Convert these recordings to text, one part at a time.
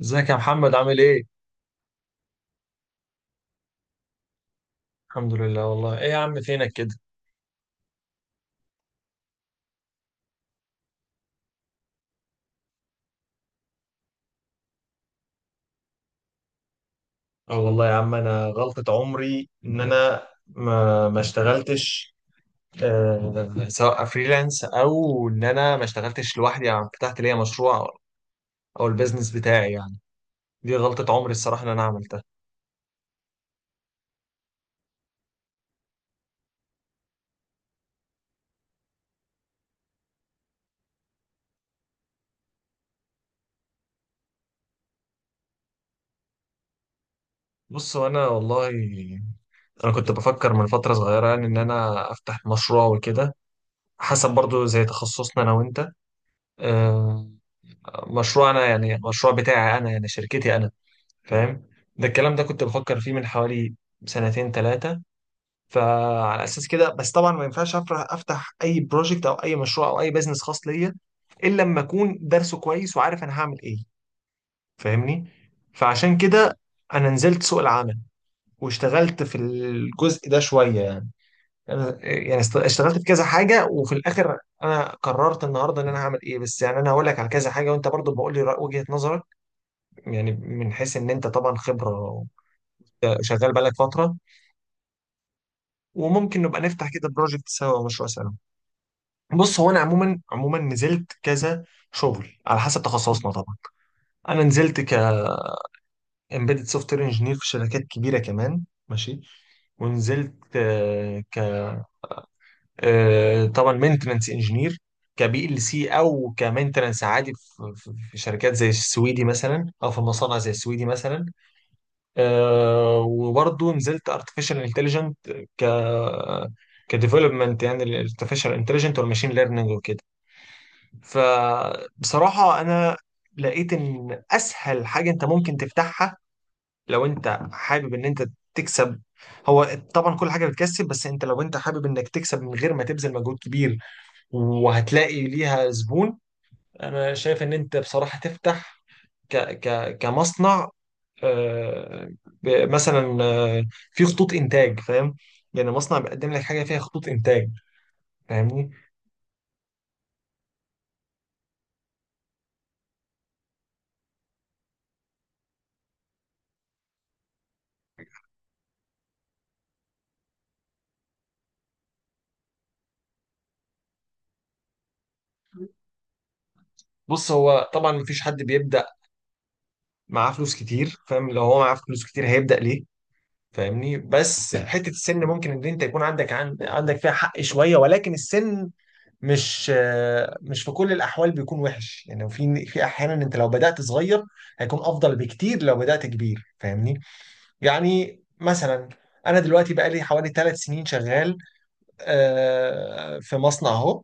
ازيك يا محمد عامل ايه؟ الحمد لله والله ايه يا عم فينك كده؟ اه والله يا عم انا غلطة عمري ان انا ما اشتغلتش، سواء فريلانس او ان انا ما اشتغلتش لوحدي، يعني فتحت ليا مشروع او البيزنس بتاعي يعني. دي غلطة عمري الصراحة ان انا عملتها. بص، وانا والله انا كنت بفكر من فترة صغيرة يعني ان انا افتح مشروع وكده، حسب برضو زي تخصصنا انا وانت. آه، مشروع انا يعني، مشروع بتاعي انا يعني، شركتي انا، فاهم؟ ده الكلام ده كنت بفكر فيه من حوالي سنتين ثلاثة، فعلى أساس كده. بس طبعا ما ينفعش أفرح أفتح أي بروجكت أو أي مشروع أو أي بزنس خاص ليا إلا لما أكون درسه كويس وعارف أنا هعمل إيه، فاهمني؟ فعشان كده أنا نزلت سوق العمل واشتغلت في الجزء ده شوية يعني. أنا يعني اشتغلت في كذا حاجة، وفي الآخر أنا قررت النهاردة إن أنا هعمل إيه. بس يعني أنا هقول لك على كذا حاجة وأنت برضو بقول لي وجهة نظرك، يعني من حيث إن أنت طبعا خبرة، شغال بقالك فترة، وممكن نبقى نفتح كده بروجكت سوا او مشروع سوا. بص، هو انا عموما عموما نزلت كذا شغل على حسب تخصصنا طبعا. انا نزلت ك embedded software engineer في شركات كبيره كمان، ماشي؟ ونزلت ك طبعا مينتنانس انجينير، كبي ال سي او كمينتنانس عادي، في في شركات زي السويدي مثلا، او في مصانع زي السويدي مثلا. وبرضه نزلت ارتفيشال انتليجنت ك كديفلوبمنت، يعني الارتفيشال انتليجنت والماشين ليرنينج وكده. فبصراحه انا لقيت ان اسهل حاجه انت ممكن تفتحها لو انت حابب ان انت تكسب، هو طبعا كل حاجه بتكسب بس انت لو انت حابب انك تكسب من غير ما تبذل مجهود كبير وهتلاقي ليها زبون، انا شايف ان انت بصراحه تفتح ك كمصنع، آه، مثلا في خطوط انتاج، فاهم؟ يعني مصنع بيقدم لك حاجه فيها خطوط انتاج، فاهمني؟ بص، هو طبعا مفيش حد بيبدا معاه فلوس كتير، فاهم؟ لو هو معاه فلوس كتير هيبدا ليه، فاهمني؟ بس حته السن ممكن ان انت يكون عندك عندك فيها حق شويه، ولكن السن مش، مش في كل الاحوال بيكون وحش، يعني في في احيانا انت لو بدات صغير هيكون افضل بكتير لو بدات كبير، فاهمني؟ يعني مثلا انا دلوقتي بقالي حوالي 3 سنين شغال، في مصنع اهو.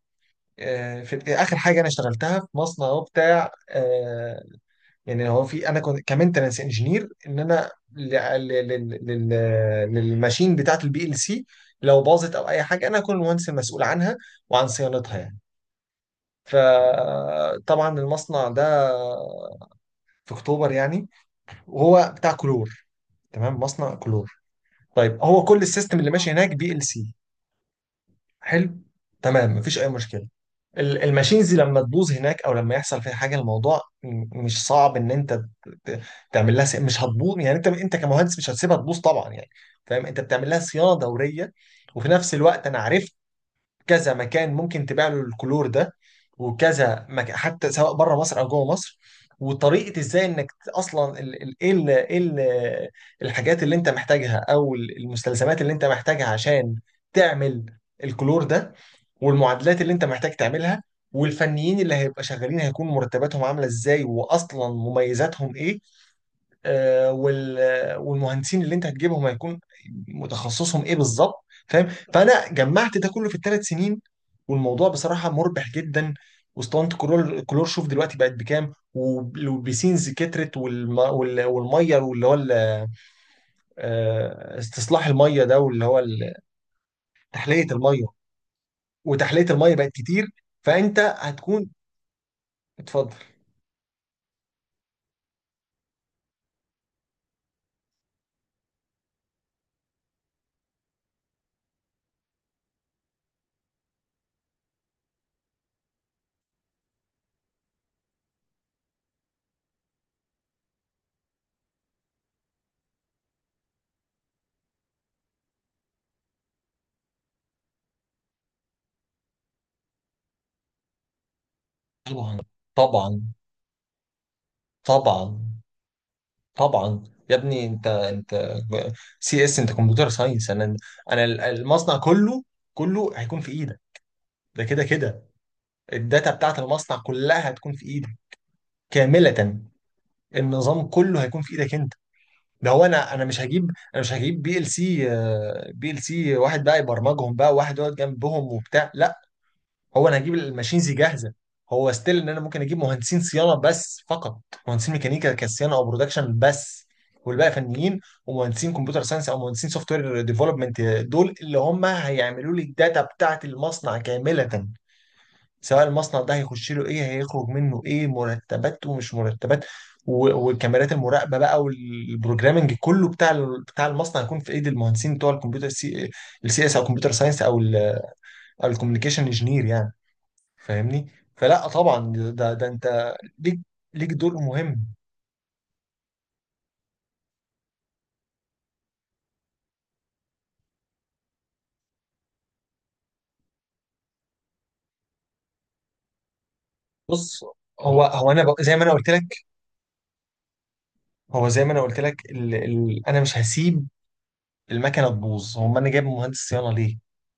في اخر حاجه انا اشتغلتها في مصنع اهو بتاع، يعني هو، في انا كنت كمينتنس انجينير ان انا ل- لل- لل- للماشين بتاعه البي ال سي، لو باظت او اي حاجه انا اكون المهندس المسؤول عنها وعن صيانتها يعني. فطبعا المصنع ده في اكتوبر يعني، وهو بتاع كلور، تمام؟ مصنع كلور. طيب، هو كل السيستم اللي ماشي هناك بي ال سي، حلو، تمام، مفيش اي مشكله. الماشينز لما تبوظ هناك او لما يحصل فيها حاجه، الموضوع مش صعب ان انت ت- تعمل لها مش هتبوظ يعني، انت انت كمهندس مش هتسيبها تبوظ طبعا يعني، فاهم؟ انت بتعمل لها صيانه دوريه. وفي نفس الوقت انا عرفت كذا مكان ممكن تبيع له الكلور ده، وكذا مكان حتى سواء بره مصر او جوه مصر، وطريقه ازاي انك اصلا ايه إيه الحاجات اللي انت محتاجها، او المستلزمات اللي انت محتاجها عشان تعمل الكلور ده، والمعادلات اللي انت محتاج تعملها، والفنيين اللي هيبقى شغالين هيكون مرتباتهم عامله ازاي، واصلا مميزاتهم ايه، آه وال والمهندسين اللي انت هتجيبهم هيكون متخصصهم ايه بالظبط، فاهم؟ فانا جمعت ده كله في ال3 سنين، والموضوع بصراحه مربح جدا. واسطوانه كلور شوف دلوقتي بقت بكام، والبيسينز كترت، والميه، واللي هو استصلاح الميه ده، واللي هو تحليه الميه، وتحليه الميه بقت كتير، فانت هتكون. اتفضل. طبعا طبعا طبعا طبعا، يا ابني انت انت سي اس، انت كمبيوتر ساينس، انا انا المصنع كله، كله هيكون في ايدك، ده كده كده الداتا بتاعت المصنع كلها هتكون في ايدك كاملة، النظام كله هيكون في ايدك انت. ده هو انا، انا مش هجيب بي ال سي، بي ال سي واحد بقى يبرمجهم بقى وواحد يقعد جنبهم وبتاع، لا. هو انا هجيب الماشينز جاهزه، هو ستيل ان انا ممكن اجيب مهندسين صيانه بس فقط، مهندسين ميكانيكا كصيانه او برودكشن بس، والباقي فنيين ومهندسين كمبيوتر ساينس او مهندسين سوفت وير ديفلوبمنت، دول اللي هم هيعملوا لي الداتا بتاعه المصنع كامله، سواء المصنع ده هيخش له ايه، هيخرج منه ايه، مرتبات ومش مرتبات. والكاميرات المراقبه بقى، والبروجرامنج كله بتاع بتاع المصنع، هيكون في ايد المهندسين بتوع الكمبيوتر سي، السي اس او كمبيوتر ساينس او او الكوميونيكيشن انجينير يعني، فاهمني؟ فلا طبعا ده ده انت ليك، ليك دور مهم. بص، هو زي ما انا قلت لك، هو زي ما انا قلت لك انا مش هسيب المكنه تبوظ، هم انا جايب مهندس صيانه ليه؟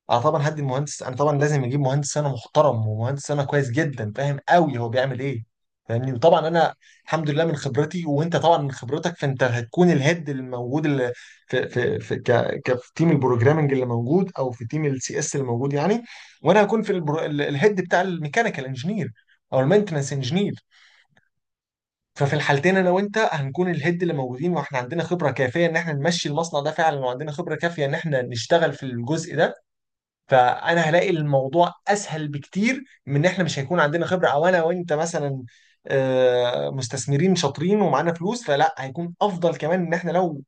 اه طبعا هدي المهندس، انا طبعا لازم اجيب مهندس صيانه محترم ومهندس صيانه كويس جدا فاهم قوي هو بيعمل ايه، فاهمني؟ وطبعا انا الحمد لله من خبرتي، وانت طبعا من خبرتك، فانت هتكون الهيد اللي موجود اللي في في في ك ك في تيم البروجرامنج اللي موجود، او في تيم السي اس اللي موجود يعني. وانا هكون في الهيد بتاع الميكانيكال انجينير او المينتنس انجينير. ففي الحالتين انا وانت هنكون الهيد اللي موجودين، واحنا عندنا خبره كافيه ان احنا نمشي المصنع ده فعلا، وعندنا خبره كافيه ان احنا نشتغل في الجزء ده. فانا هلاقي الموضوع اسهل بكتير من ان احنا مش هيكون عندنا خبره، او انا وانت مثلا مستثمرين شاطرين ومعانا فلوس، فلا هيكون افضل كمان ان احنا لو،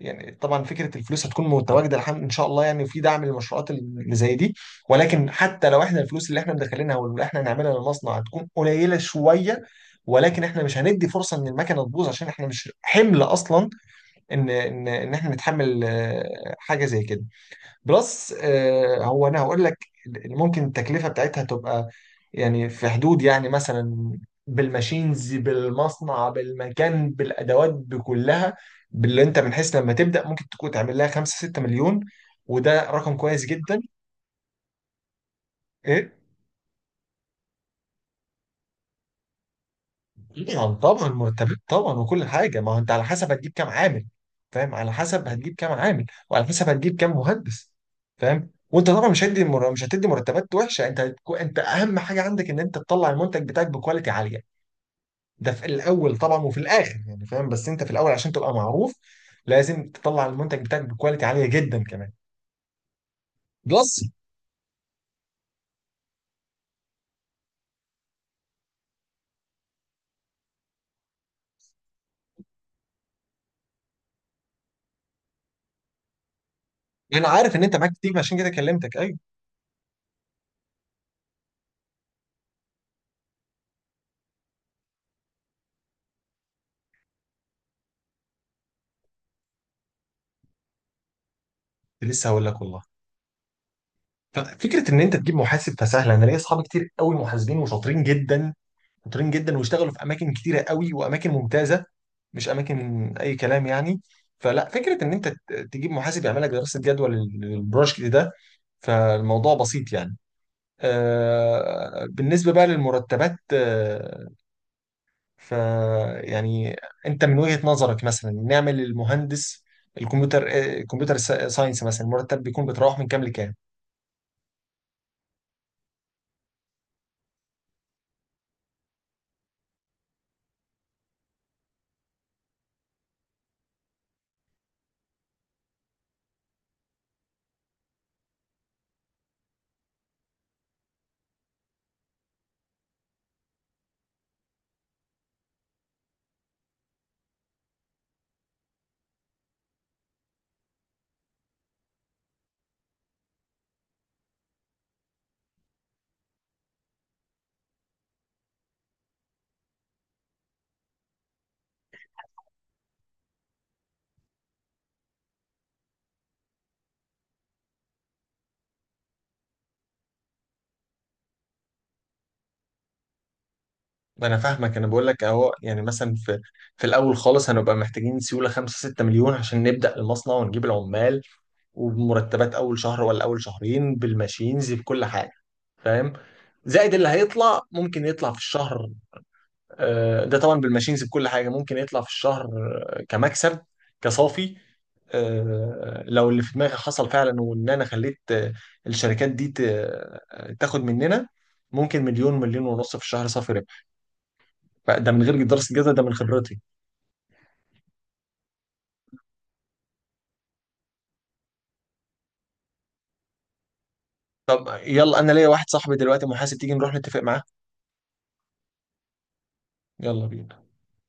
يعني طبعا فكره الفلوس هتكون متواجده الحمد ان شاء الله، يعني في دعم للمشروعات اللي زي دي. ولكن حتى لو احنا الفلوس اللي احنا مدخلينها واللي احنا هنعملها للمصنع هتكون قليله شويه، ولكن احنا مش هندي فرصه ان المكنه تبوظ، عشان احنا مش حمل اصلا ان احنا نتحمل حاجه زي كده. بلس هو انا هقول لك، ممكن التكلفه بتاعتها تبقى يعني في حدود يعني مثلا، بالماشينز بالمصنع بالمكان بالادوات بكلها، باللي انت بنحس لما تبدا، ممكن تكون تعمل لها 5 6 مليون، وده رقم كويس جدا. إيه؟ يعني طبعا مرتبات طبعا وكل حاجه، ما هو انت على حسب هتجيب كام عامل، فاهم؟ على حسب هتجيب كام عامل وعلى حسب هتجيب كام مهندس، فاهم؟ وانت طبعا مش مش هتدي مرتبات وحشه، انت اهم حاجه عندك ان انت تطلع المنتج بتاعك بكواليتي عاليه، ده في الاول طبعا وفي الاخر يعني، فاهم؟ بس انت في الاول عشان تبقى معروف لازم تطلع المنتج بتاعك بكواليتي عاليه جدا كمان. بلس، انا عارف ان انت معاك تيم عشان كده كلمتك، ايوه. كنت لسه هقول لك والله، ففكره ان انت تجيب محاسب فسهله، انا ليا اصحاب كتير قوي محاسبين وشاطرين جدا، شاطرين جدا واشتغلوا في اماكن كتيره قوي واماكن ممتازه، مش اماكن اي كلام يعني. فلا فكره ان انت تجيب محاسب يعمل لك دراسه جدوى للبروجكت ده، فالموضوع بسيط يعني. بالنسبه بقى للمرتبات، آه، ف يعني انت من وجهه نظرك مثلا نعمل المهندس الكمبيوتر، الكمبيوتر ساينس مثلا، المرتب بيكون بيتراوح من كام لكام؟ ما انا فاهمك، انا بقول لك اهو، يعني مثلا في في الاول خالص هنبقى محتاجين سيوله 5 6 مليون عشان نبدا المصنع ونجيب العمال، وبمرتبات اول شهر ولا اول شهرين، بالماشينز بكل حاجه، فاهم؟ زائد اللي هيطلع ممكن يطلع في الشهر، ده طبعا بالماشينز بكل حاجه ممكن يطلع في الشهر كمكسب، كصافي. لو اللي في دماغي حصل فعلا، وان انا خليت الشركات دي تاخد مننا، ممكن 1 1.5 مليون في الشهر صافي. ده من غير دراسة جدوى، ده من خبرتي. طب يلا، انا ليا واحد صاحبي دلوقتي محاسب، تيجي نروح نتفق معاه. يلا بينا.